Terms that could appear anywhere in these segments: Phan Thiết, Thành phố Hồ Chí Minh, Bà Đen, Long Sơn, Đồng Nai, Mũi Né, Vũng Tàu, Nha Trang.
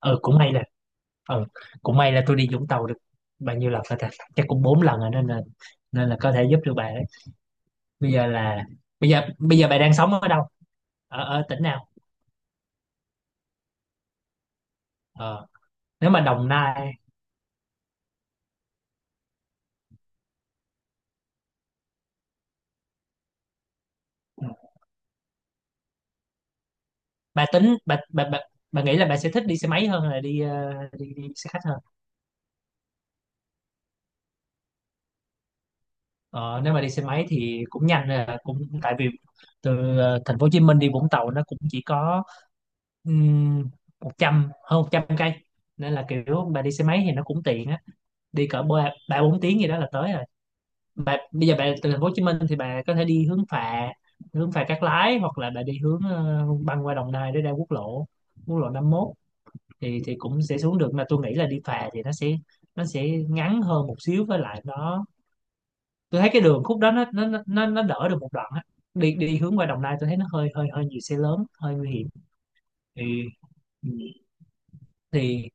ừ cũng may là ừ cũng may là tôi đi Vũng Tàu được bao nhiêu lần rồi ta, chắc cũng 4 lần rồi, nên là có thể giúp được bà đấy. bây giờ là bây giờ bà đang sống ở đâu, ở ở tỉnh nào? ờ Nếu mà Đồng Nai, bà tính bà nghĩ là bà sẽ thích đi xe máy hơn là đi đi xe khách hơn? Ờ Nếu mà đi xe máy thì cũng nhanh là, cũng tại vì từ thành phố Hồ Chí Minh đi Vũng Tàu nó cũng chỉ có um, một trăm, hơn 100 cây, nên là kiểu bà đi xe máy thì nó cũng tiện á, đi cỡ ba 3-4 tiếng gì đó là tới rồi. Bây giờ bà từ thành phố Hồ Chí Minh thì bà có thể đi hướng phà, hướng phà Cát Lái, hoặc là bà đi hướng băng qua Đồng Nai để ra quốc lộ 51, thì cũng sẽ xuống được. Mà tôi nghĩ là đi phà thì nó sẽ ngắn hơn một xíu, với lại tôi thấy cái đường khúc đó nó đỡ được một đoạn á. Đi Đi hướng qua Đồng Nai tôi thấy nó hơi hơi hơi nhiều xe lớn, hơi nguy hiểm. thì thì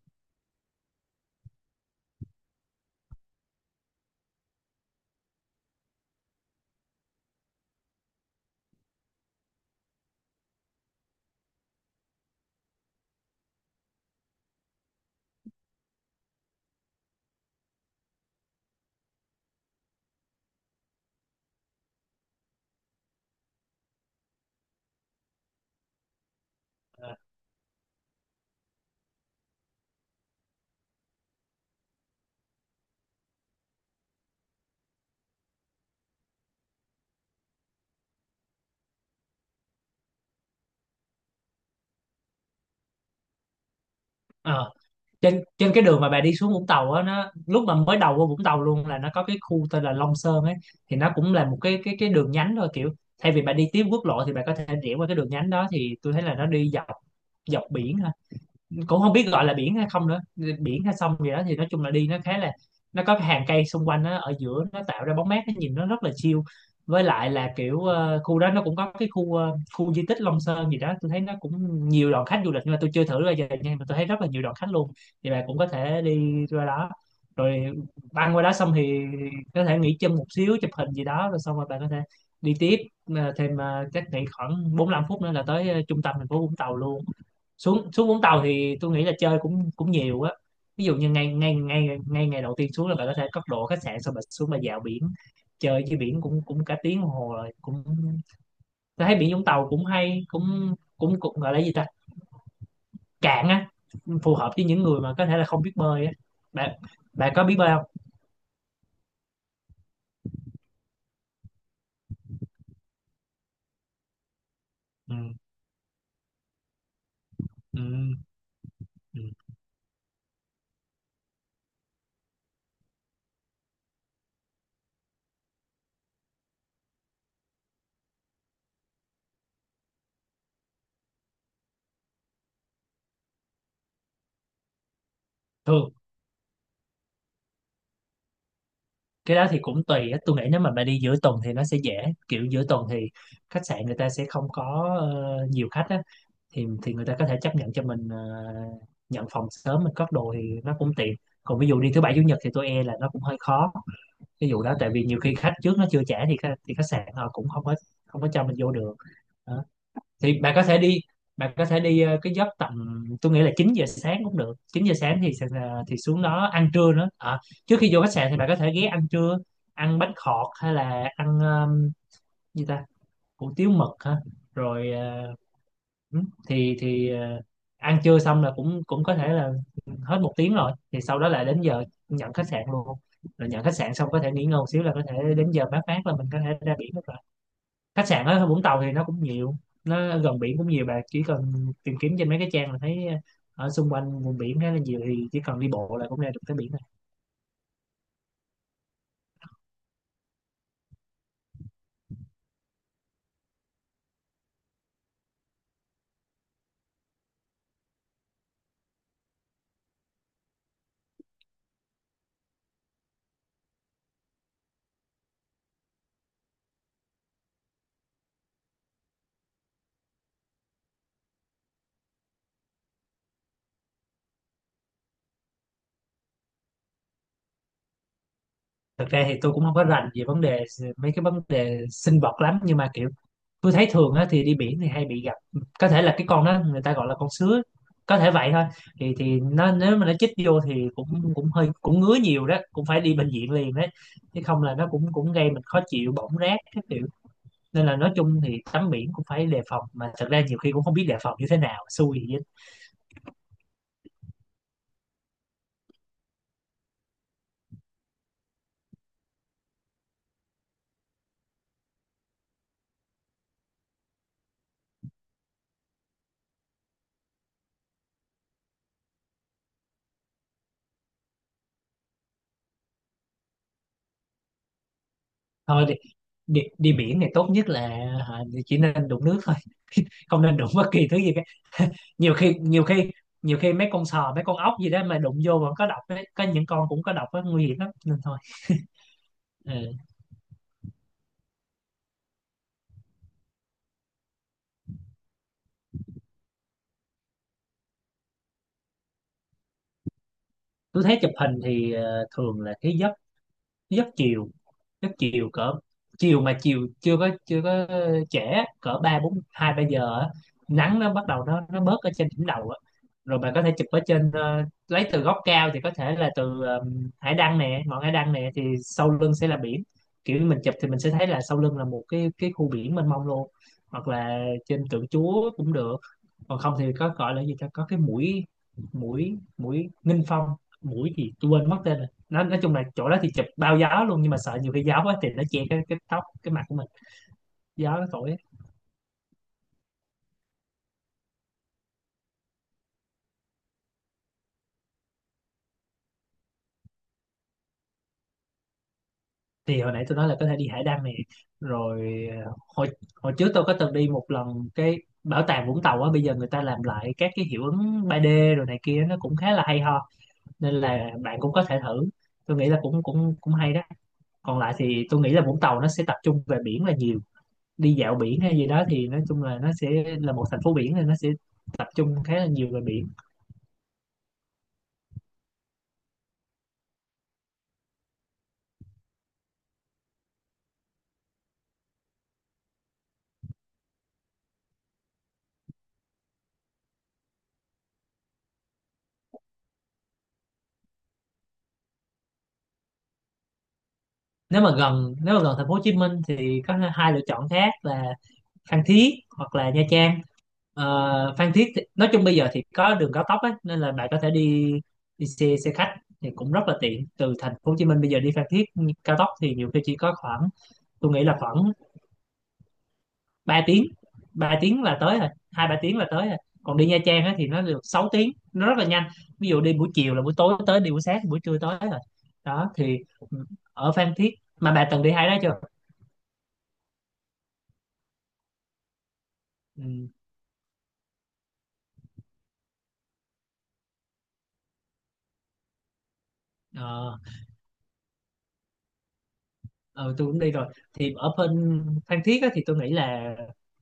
ờ, Trên trên cái đường mà bà đi xuống Vũng Tàu á, nó lúc mà mới đầu vô Vũng Tàu luôn là nó có cái khu tên là Long Sơn ấy. Thì nó cũng là một cái đường nhánh thôi, kiểu thay vì bà đi tiếp quốc lộ thì bà có thể rẽ qua cái đường nhánh đó. Thì tôi thấy là nó đi dọc, dọc biển thôi, cũng không biết gọi là biển hay không nữa, biển hay sông gì đó. Thì nói chung là đi nó khá là, nó có cái hàng cây xung quanh nó ở giữa, nó tạo ra bóng mát, nó nhìn nó rất là chill. Với lại là kiểu khu đó nó cũng có cái khu khu di tích Long Sơn gì đó, tôi thấy nó cũng nhiều đoàn khách du lịch, nhưng mà tôi chưa thử bao giờ, nhưng mà tôi thấy rất là nhiều đoàn khách luôn. Thì bạn cũng có thể đi ra đó, rồi băng qua đó xong thì có thể nghỉ chân một xíu, chụp hình gì đó, rồi xong rồi bạn có thể đi tiếp. Chắc nghỉ khoảng 45 phút nữa là tới trung tâm thành phố Vũng Tàu luôn. Xuống Xuống Vũng Tàu thì tôi nghĩ là chơi cũng cũng nhiều á. Ví dụ như ngay ngay ngay ngay ngày đầu tiên xuống là bạn có thể cất đồ khách sạn xong bạn xuống mà dạo biển, chơi trên biển cũng cũng cả tiếng đồng hồ rồi. Cũng tôi thấy biển Vũng Tàu cũng hay, cũng cũng cũng gọi là gì ta, cạn á, phù hợp với những người mà có thể là không biết bơi á. Bạn Bạn có biết bơi không? Ừ, ừ, ừ. Thường cái đó thì cũng tùy á, tôi nghĩ nếu mà bạn đi giữa tuần thì nó sẽ dễ, kiểu giữa tuần thì khách sạn người ta sẽ không có nhiều khách á, thì người ta có thể chấp nhận cho mình nhận phòng sớm, mình cất đồ thì nó cũng tiện. Còn ví dụ đi thứ bảy chủ nhật thì tôi e là nó cũng hơi khó, ví dụ đó, tại vì nhiều khi khách trước nó chưa trả thì khách sạn họ cũng không có, không có cho mình vô được đó. Thì bạn có thể đi Bạn có thể đi cái giấc tầm, tôi nghĩ là 9 giờ sáng cũng được, 9 giờ sáng thì sẽ, thì xuống đó ăn trưa nữa, trước khi vô khách sạn thì bạn có thể ghé ăn trưa, ăn bánh khọt hay là ăn gì ta, hủ tiếu mực ha, rồi ừ. thì thì ờ, Ăn trưa xong là cũng cũng có thể là hết 1 tiếng rồi, thì sau đó là đến giờ nhận khách sạn luôn, rồi nhận khách sạn xong có thể nghỉ ngơi một xíu, là có thể đến giờ mát, là mình có thể ra biển được rồi. Khách sạn ở Vũng Tàu thì nó cũng nhiều, nó gần biển cũng nhiều, bạn chỉ cần tìm kiếm trên mấy cái trang là thấy ở xung quanh vùng biển khá là nhiều, thì chỉ cần đi bộ là cũng ra được tới biển rồi. Thực ra thì tôi cũng không có rành về vấn đề, sinh vật lắm, nhưng mà kiểu tôi thấy thường á, thì đi biển thì hay bị gặp, có thể là cái con đó người ta gọi là con sứa, có thể vậy thôi. Thì nó, nếu mà nó chích vô thì cũng cũng hơi, cũng ngứa nhiều đó, cũng phải đi bệnh viện liền đấy, chứ không là nó cũng cũng gây mình khó chịu, bỏng rát các kiểu, nên là nói chung thì tắm biển cũng phải đề phòng, mà thật ra nhiều khi cũng không biết đề phòng như thế nào, xui vậy. Thôi đi, đi Đi biển thì tốt nhất là, hả, chỉ nên đụng nước thôi, không nên đụng bất kỳ thứ gì cả. nhiều khi nhiều khi Nhiều khi mấy con sò, mấy con ốc gì đó mà đụng vô vẫn có độc ấy, có những con cũng có độc ấy, nguy hiểm lắm, nên thôi. Ừ. Tôi thấy chụp hình thì thường là cái giấc, giấc chiều. Chắc chiều cỡ, chiều mà chiều chưa có trễ, cỡ ba bốn, 2-3 giờ á, nắng nó bắt đầu nó bớt ở trên đỉnh đầu á. Rồi bạn có thể chụp ở trên lấy từ góc cao, thì có thể là từ hải đăng nè, ngọn hải đăng nè, thì sau lưng sẽ là biển, kiểu như mình chụp thì mình sẽ thấy là sau lưng là một cái khu biển mênh mông luôn. Hoặc là trên tượng Chúa cũng được. Còn không thì có gọi là gì ta, có cái mũi, mũi Nghinh Phong, mũi gì tôi quên mất tên rồi. Nó nói chung là chỗ đó thì chụp bao gió luôn, nhưng mà sợ nhiều khi gió quá thì nó che cái tóc cái mặt của mình, gió nó thổi á. Thì hồi nãy tôi nói là có thể đi hải đăng này, rồi ờ, hồi hồi trước tôi có từng đi một lần cái bảo tàng Vũng Tàu á, bây giờ người ta làm lại các cái hiệu ứng 3D rồi này kia, nó cũng khá là hay ho, nên là bạn cũng có thể thử, tôi nghĩ là cũng cũng cũng hay đó. Còn lại thì tôi nghĩ là Vũng Tàu nó sẽ tập trung về biển là nhiều, đi dạo biển hay gì đó, thì nói chung là nó sẽ là một thành phố biển thì nó sẽ tập trung khá là nhiều về biển. Nếu mà gần thành phố Hồ Chí Minh thì có 2 lựa chọn khác là Phan Thiết hoặc là Nha Trang. Ờ, Phan Thiết thì, nói chung bây giờ thì có đường cao tốc ấy, nên là bạn có thể đi đi xe xe khách thì cũng rất là tiện. Từ thành phố Hồ Chí Minh bây giờ đi Phan Thiết cao tốc thì nhiều khi chỉ có khoảng, tôi nghĩ là khoảng 3 tiếng 3 tiếng là tới rồi, 2-3 tiếng là tới rồi. Còn đi Nha Trang á, thì nó được 6 tiếng, nó rất là nhanh, ví dụ đi buổi chiều là buổi tối tới, đi buổi sáng thì buổi trưa tới rồi, đó thì ừ, ở Phan Thiết mà bà từng đi hai đó chưa? Ừ. Ờ, ừ, tôi cũng đi rồi. Thì ở bên Phan Thiết á, thì tôi nghĩ là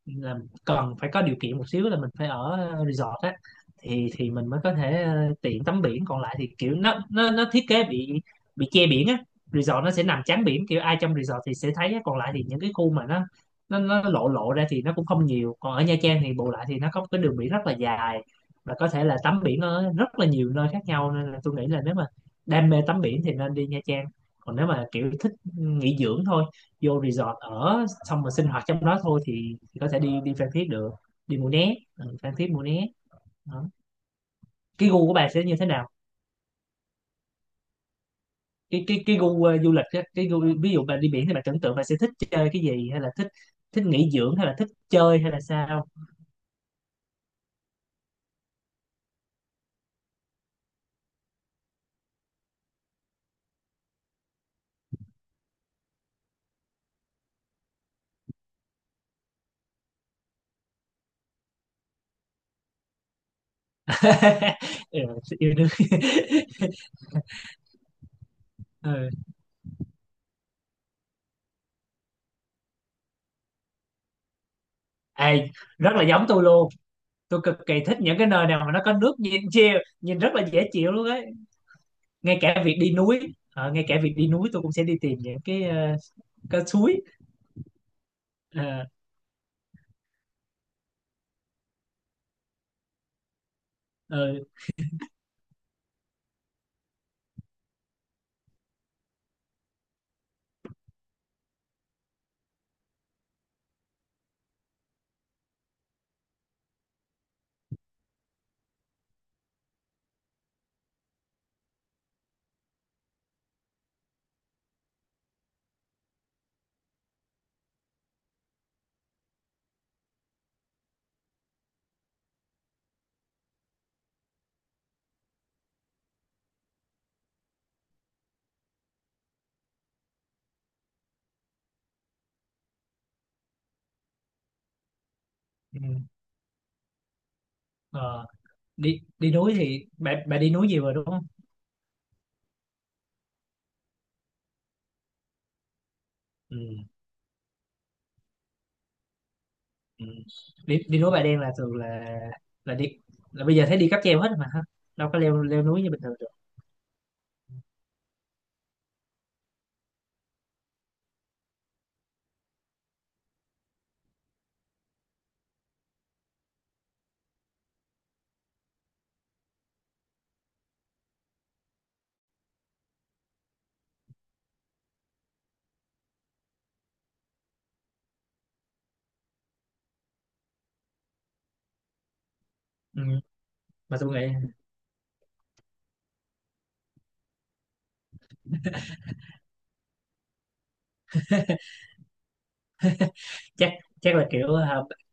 là cần phải có điều kiện một xíu là mình phải ở resort á, thì mình mới có thể tiện tắm biển. Còn lại thì kiểu nó thiết kế bị che biển á, resort nó sẽ nằm chắn biển, kiểu ai trong resort thì sẽ thấy á. Còn lại thì những cái khu mà nó lộ, lộ ra thì nó cũng không nhiều. Còn ở Nha Trang thì bù lại thì nó có một cái đường biển rất là dài, và có thể là tắm biển ở rất là nhiều nơi khác nhau, nên là tôi nghĩ là nếu mà đam mê tắm biển thì nên đi Nha Trang. Còn nếu mà kiểu thích nghỉ dưỡng thôi, vô resort ở xong rồi sinh hoạt trong đó thôi, thì có thể đi đi Phan Thiết được, đi Mũi Né, Phan Thiết Mũi Né đó. Cái gu của bạn sẽ như thế nào? Cái gu du lịch á, cái gu ví dụ bạn đi biển thì bạn tưởng tượng bạn sẽ thích chơi cái gì, hay là thích, nghỉ dưỡng, hay là thích chơi, hay là sao? ừ, yêu đương. Ừ. À, rất là giống tôi luôn, tôi cực kỳ thích những cái nơi nào mà nó có nước, nhìn chiều nhìn rất là dễ chịu luôn á. Ngay cả việc đi núi, tôi cũng sẽ đi tìm những cái cái suối. Ờ, ờ, ừ, ờ, đi đi núi thì bà đi núi gì rồi đúng không? Ừ, ừ. đi Đi núi Bà Đen là thường là đi, là bây giờ thấy đi cáp treo hết mà ha, đâu có leo, núi như bình thường được. Ừ. Mà tôi nghĩ chắc chắc là kiểu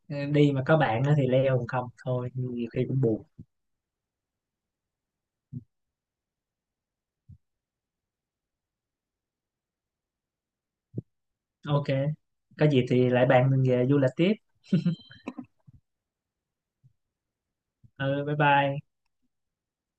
đi mà có bạn á thì leo, còn không thôi nhiều khi cũng buồn. Ok, có gì thì lại bàn mình về du lịch tiếp. Ừ, bye bye.